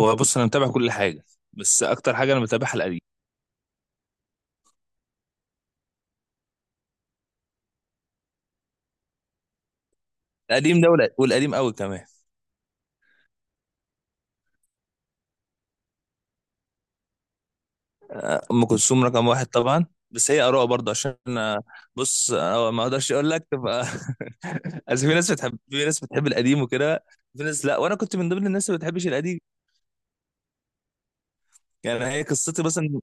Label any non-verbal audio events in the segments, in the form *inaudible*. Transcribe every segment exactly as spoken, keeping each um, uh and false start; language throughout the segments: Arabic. هو بص انا متابع كل حاجه. بس اكتر حاجه انا متابعها القديم. القديم ده والق- والقديم قوي كمان. ام كلثوم رقم واحد طبعا، بس هي اراء برضه عشان أنا- بص أنا ما اقدرش اقول لك تبقى. *laughs* اصل في ناس بتحب، في ناس بتحب القديم وكده، في ناس لا، وانا كنت من ضمن الناس اللي ما بتحبش القديم. يعني هي قصتي مثلا.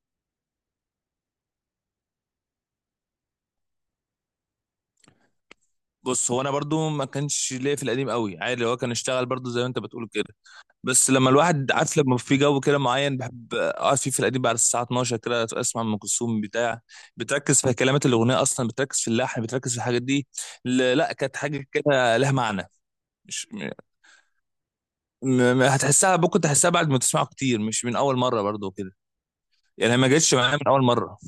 بص هو انا برضو ما كانش ليا في القديم قوي، عادي هو كان اشتغل برضو زي ما انت بتقول كده. بس لما الواحد عارف لما في جو كده معين بحب اقعد فيه في القديم بعد الساعه اتناشر كده، اسمع ام كلثوم بتاع. بتركز في كلمات الاغنيه اصلا، بتركز في اللحن، بتركز في الحاجات دي. ل- لا، كانت حاجه كده لها معنى، مش م- م- هتحسها. ممكن تحسها بعد ما تسمعه كتير، مش من اول مره برضو كده. يعني ما جتش معايا من اول مره.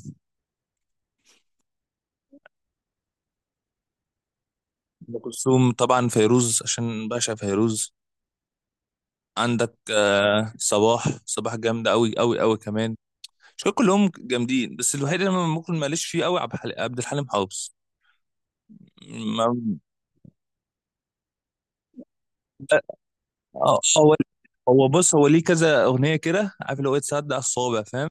ام كلثوم طبعا، فيروز عشان بعشق فيروز. عندك آه، صباح. صباح جامدة أوي أوي أوي كمان. مش كلهم جامدين، بس الوحيد اللي أنا ممكن ماليش فيه أوي عبد الحليم. عبد الحليم حافظ. ما- آه، هو هو بص، هو ليه كذا اغنيه كده، عارف اللي هو إيه، تصدق الصوابع، فاهم؟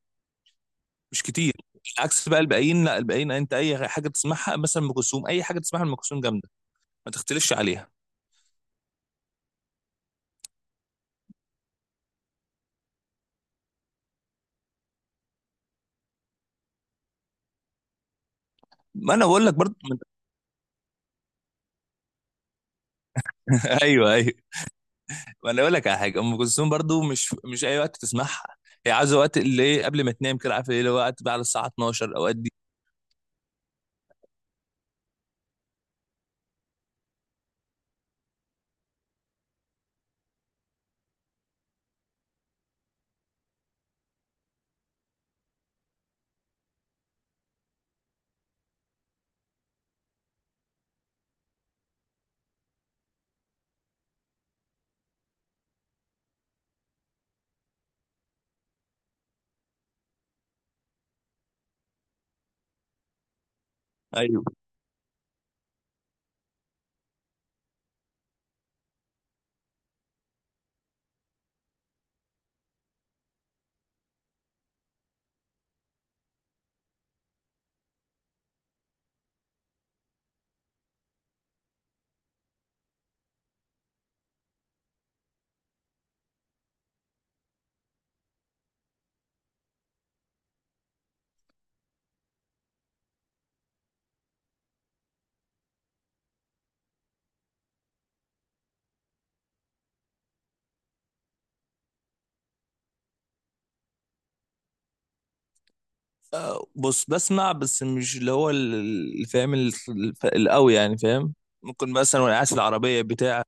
مش كتير. عكس بقى الباقيين، لا الباقيين انت اي حاجه تسمعها مثلا ام كلثوم، اي حاجه تسمعها ام كلثوم جامده، ما تختلفش عليها. ما انا بقول لك برضو. *laughs* ايوه ايوه، ما انا اقول لك على حاجه، ام كلثوم برضو مش مش اي وقت تسمعها. هي عايزه وقت اللي إيه، قبل ما تنام كده، عارف ايه، اللي هو وقت بقى على الساعه اتناشر، اوقات دي. ايوه آه، بص بسمع بس مش اللي هو ال- اللي فاهم ال- الف- القوي، يعني فاهم. ممكن مثلا وانا قاعد في العربيه بتاع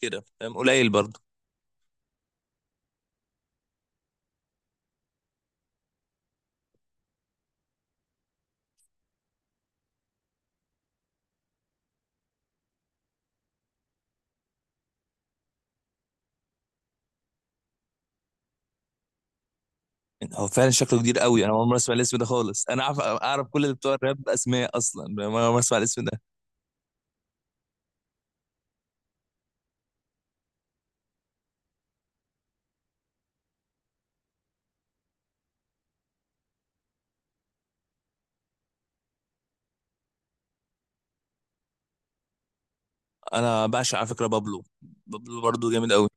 كده، فاهم قليل برضه. يعني هو فعلا شكله كبير قوي، انا اول مره اسمع الاسم ده خالص، انا اعرف اعرف كل اللي بتوع الراب اسماء اصلا، فاهم؟ انا اول مره اسمع الاسم ده. انا بعشق على فكره بابلو، بابلو برضه جامد قوي.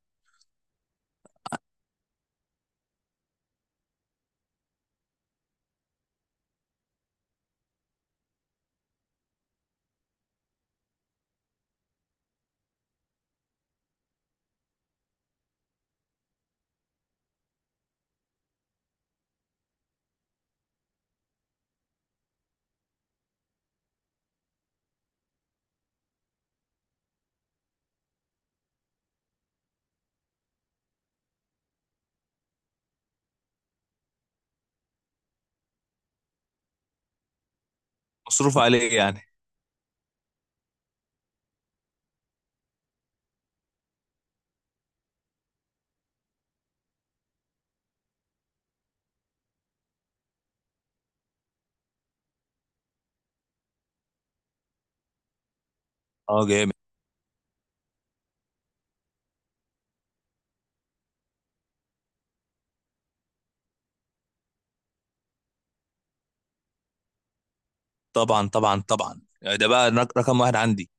مصروف عليه يعني. اه جامد. طبعا طبعا طبعا، يعني ده بقى رق- رقم واحد عندي.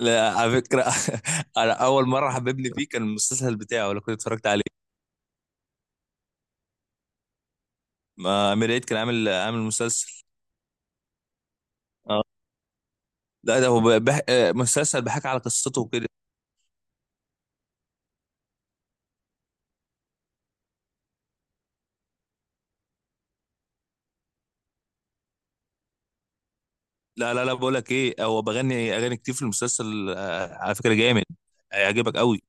لا على فكره، *laughs* انا اول مره حببني فيه كان المسلسل بتاعه، لو كنت اتفرجت عليه. ما- امير عيد كان عامل عامل مسلسل. اه لا، ده هو ب- بح... آه، مسلسل بحكي على قصته وكده. لا لا لا، بقول لك ايه، هو بغني اغاني كتير في المسلسل، آه، على فكره جامد، هيعجبك قوي.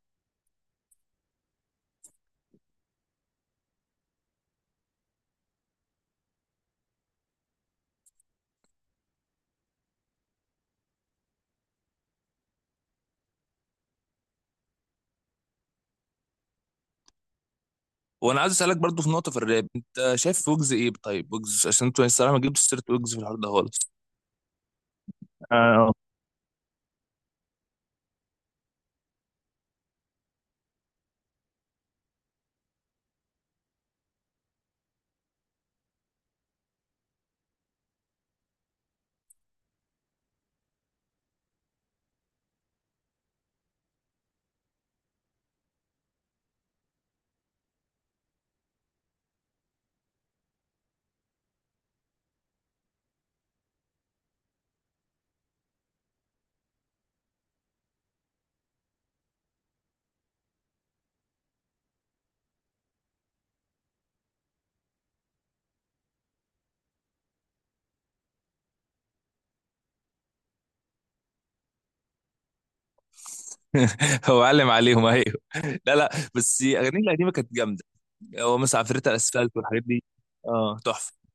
وانا عايز اسالك برضو في نقطه في الراب، انت شايف ويجز ايه؟ طيب ويجز عشان انتوا الصراحه ما جبتوا سيره ويجز في الحوار ده خالص. اه *laughs* هو علم عليهم، ايوه. لا لا، بس اغانيه القديمه كانت جامده. هو مثلا عفريت على الاسفلت والحاجات دي. اه تحفه.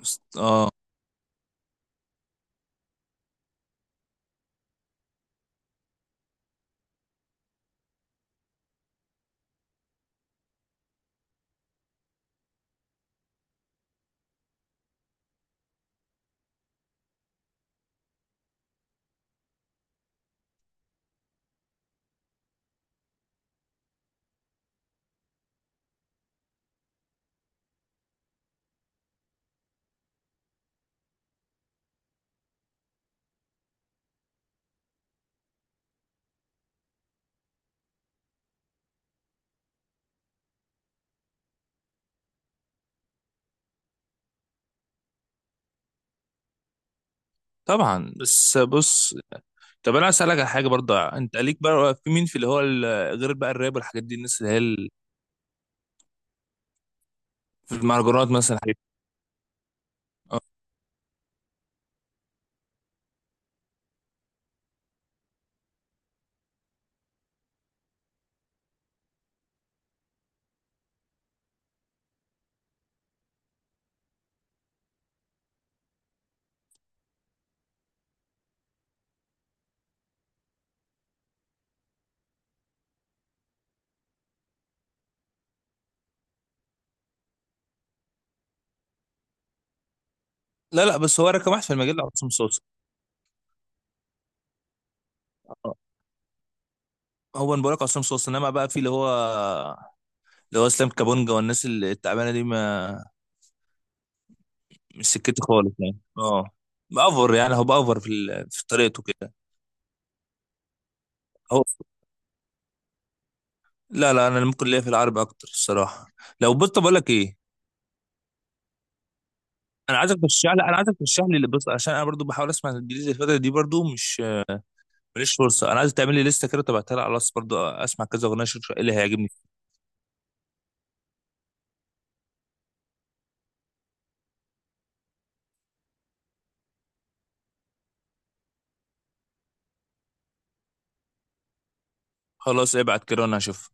بس- اه طبعا، بس بص، طب انا عايز اسالك على حاجه برضه، انت ليك بقى في مين في اللي هو ال- غير بقى الراب والحاجات دي، الناس اللي هي ال- في المهرجانات مثلا، الحاجات دي. آه. لا لا، بس هو رقم واحد في المجال ده عصام صوصه. آه. هو انا بقول لك عصام صوصه، انما بقى في اللي هو اللي هو اسلام كابونجا والناس اللي- التعبانه دي، ما مش سكتي خالص يعني. اه بأفر، يعني هو بأفر في ال- في طريقته كده. هو لا لا، انا ممكن ليا في العربي اكتر الصراحه. لو بص بقول لك ايه، انا عايزك ترشح لي، انا عايزك ترشح لي اللي- بص عشان انا برضو بحاول اسمع الانجليزي الفتره دي برضو، مش ماليش فرصه. انا عايز تعمل لي لسته كده، تبعتها لي على الواتس برضه، اسمع كذا اغنيه اشوف ايه اللي هيعجبني. خلاص ابعت كده وانا هشوف.